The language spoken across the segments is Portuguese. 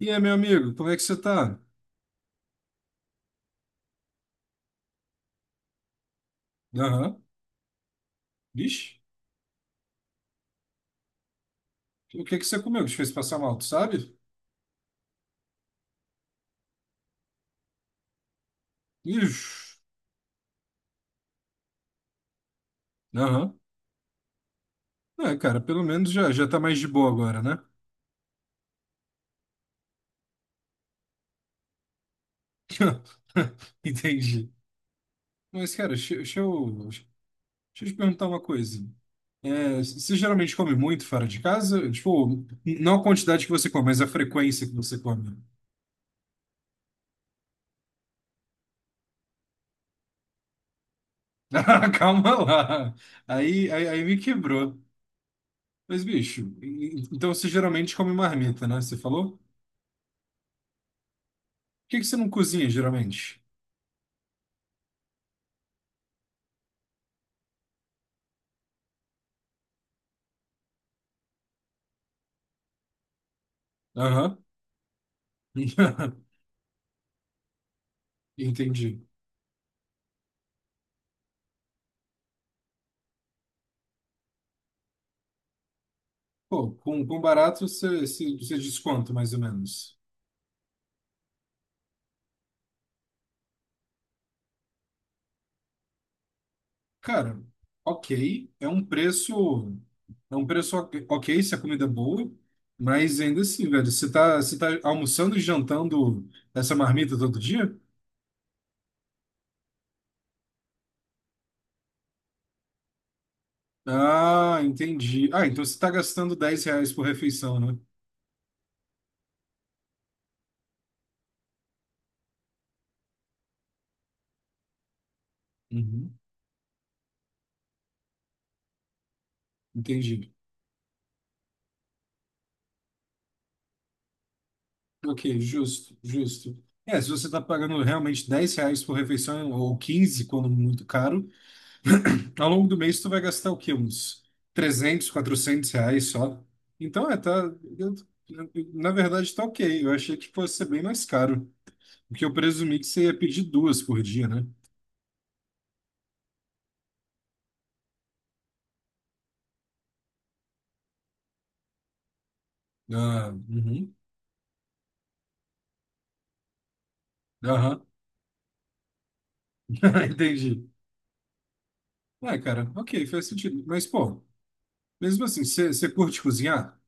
E aí, meu amigo, como é que você tá? Aham. Vixe, o que que você comeu que te fez passar mal, tu sabe? Ixi. Aham. É, cara, pelo menos já tá mais de boa agora, né? Entendi. Mas, cara, deixa eu te perguntar uma coisa. É, você geralmente come muito fora de casa? Tipo, não a quantidade que você come, mas a frequência que você come. Ah, calma lá. Aí me quebrou. Mas, bicho, então você geralmente come marmita, né? Você falou? Que você não cozinha geralmente? Aham. Entendi. Pô, com barato você, você desconta mais ou menos. Cara, ok, é um preço ok, ok se a comida é boa, mas ainda assim, velho, você tá almoçando e jantando essa marmita todo dia? Ah, entendi. Ah, então você tá gastando 10 reais por refeição, né? Uhum, entendi. Ok, justo, justo. É, se você está pagando realmente 10 reais por refeição ou 15 quando muito caro, ao longo do mês tu vai gastar o quê? Uns 300 400 reais só. Então, é, tá. eu- Na verdade, tá ok. Eu achei que fosse ser bem mais caro. Porque eu presumi que você ia pedir duas por dia, né? Ah, uhum, aham, entendi. Ué, cara, ok, faz sentido. Mas, pô, mesmo assim, você curte cozinhar?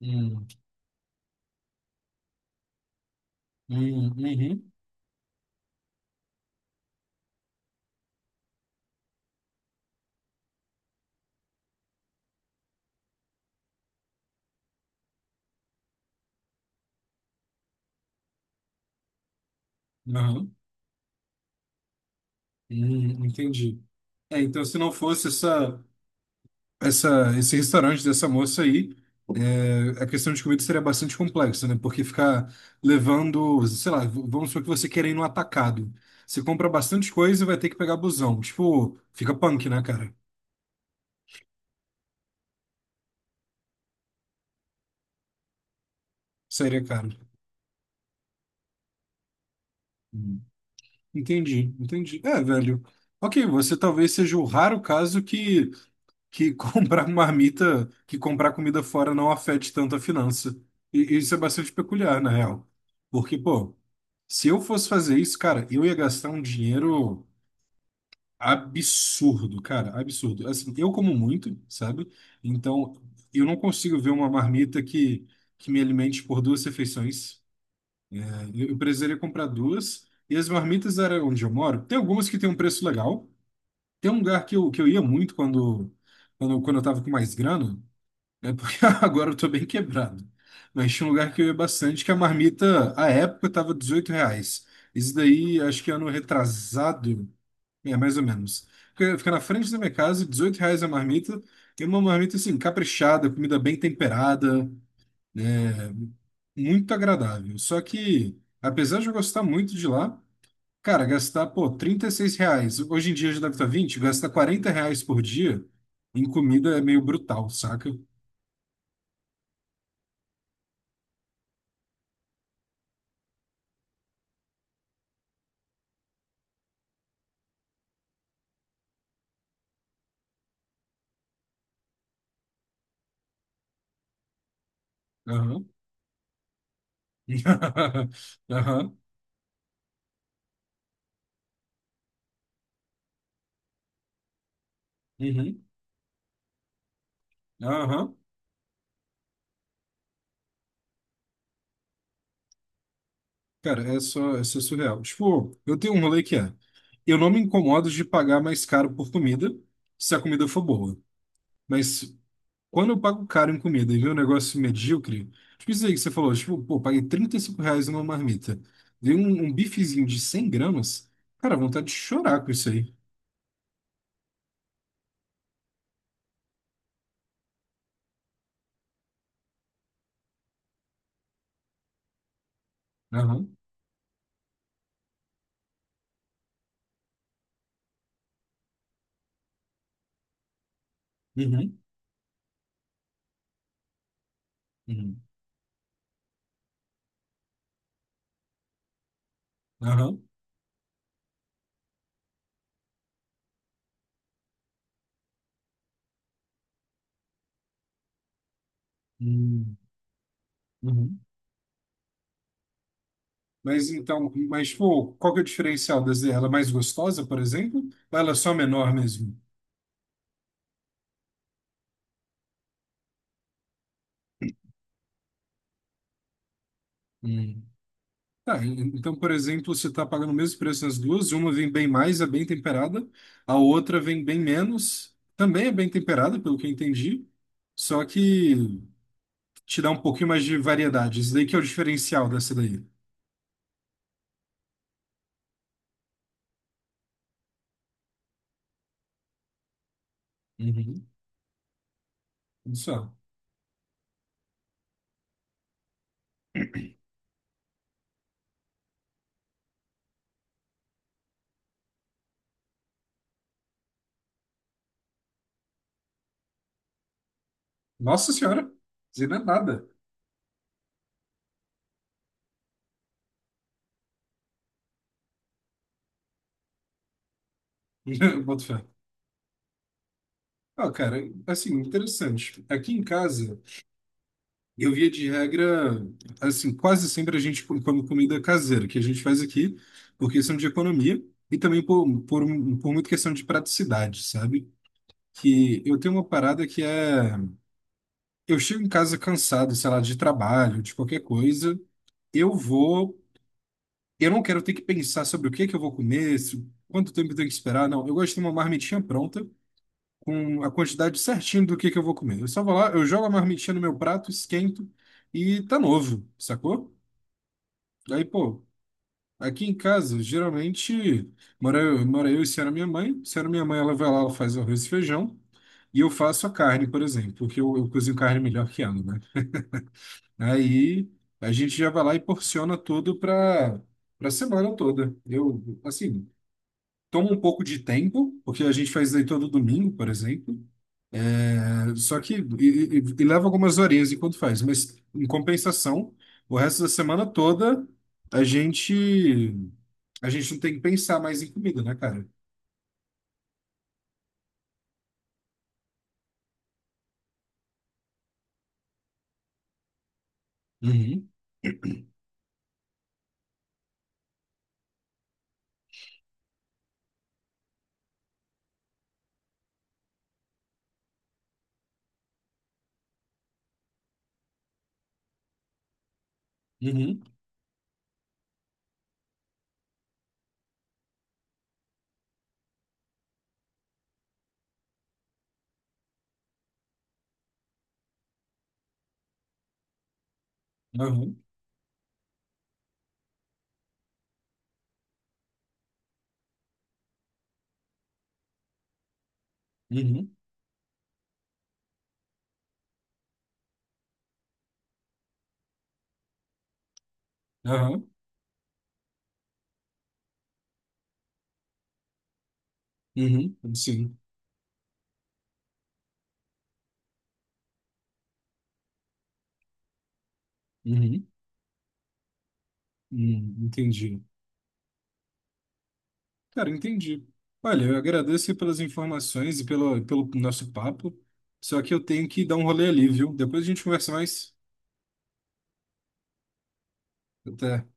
Hum, uhum, aham. Entendi. É, então, se não fosse esse restaurante dessa moça aí, é, a questão de comida seria bastante complexa, né? Porque ficar levando, sei lá, vamos supor que você quer ir no atacado. Você compra bastante coisa e vai ter que pegar busão. Tipo, fica punk, né, cara? Seria caro. Hum. Entendi, entendi. É, velho. Ok, você talvez seja o raro caso que comprar marmita, que comprar comida fora não afete tanto a finança. E isso é bastante peculiar, na real. Porque, pô, se eu fosse fazer isso, cara, eu ia gastar um dinheiro absurdo, cara, absurdo. Assim, eu como muito, sabe? Então, eu não consigo ver uma marmita que me alimente por duas refeições. Eu precisaria comprar duas. E as marmitas, era onde eu moro, tem algumas que tem um preço legal. Tem um lugar que eu ia muito quando, quando eu tava com mais grana, é porque agora eu tô bem quebrado. Mas tinha um lugar que eu ia bastante, que a marmita, à época, tava R$ 18. Isso daí, acho que ano retrasado, é, mais ou menos. Fica na frente da minha casa, R$ 18 a marmita, e uma marmita, assim, caprichada, comida bem temperada, né? Muito agradável. Só que, apesar de eu gostar muito de lá, cara, gastar, pô, R$ 36, hoje em dia já deve estar 20. Gastar R$ 40 por dia em comida é meio brutal, saca? Aham. Aham, uhum, aham. Cara, é só, isso é surreal. Tipo, eu tenho um rolê que é, eu não me incomodo de pagar mais caro por comida, se a comida for boa. Mas quando eu pago caro em comida e vem um negócio medíocre, tipo isso aí que você falou, tipo, pô, paguei 35 reais numa marmita. Dei um, um bifezinho de 100 gramas, cara, vontade de chorar com isso aí. Aham, uhum, uhum, aham, uhum, uhum. Mas então, mas tipo, qual que é o diferencial das dela? Ela é mais gostosa, por exemplo? Ou ela é só menor mesmo? Hum. Tá, então, por exemplo, você está pagando o mesmo preço nas duas, uma vem bem mais, é bem temperada, a outra vem bem menos, também é bem temperada, pelo que eu entendi, só que te dá um pouquinho mais de variedade. Isso daí que é o diferencial dessa daí. Uhum. Só. Nossa senhora, isso aí não é nada. Boto fé. Ah, cara, assim, interessante. Aqui em casa. Eu via de regra, assim, quase sempre a gente come comida caseira, que a gente faz aqui por questão de economia e também por muita questão de praticidade, sabe? Que eu tenho uma parada que é, eu chego em casa cansado, sei lá, de trabalho, de qualquer coisa, eu vou, eu não quero ter que pensar sobre o que é que eu vou comer, quanto tempo eu tenho que esperar, não. Eu gosto de ter uma marmitinha pronta, com a quantidade certinha do que é que eu vou comer. Eu só vou lá, eu jogo a marmitinha no meu prato, esquento e tá novo, sacou? Aí, pô, aqui em casa, geralmente, mora eu e se era minha mãe. Se era minha mãe, ela vai lá, ela faz o arroz e feijão. E eu faço a carne, por exemplo, porque eu cozinho carne melhor que ela, né? Aí a gente já vai lá e porciona tudo para semana toda. Eu, assim, toma um pouco de tempo, porque a gente faz isso aí todo domingo, por exemplo. É, só que e leva algumas horinhas enquanto faz, mas em compensação, o resto da semana toda a gente. A gente não tem que pensar mais em comida, né, cara? Uhum, uhum, aham, uhum, aham, uhum, sim. Uhum. Entendi. Cara, entendi. Olha, eu agradeço aí pelas informações e pelo nosso papo. Só que eu tenho que dar um rolê ali, viu? Depois a gente conversa mais. Até.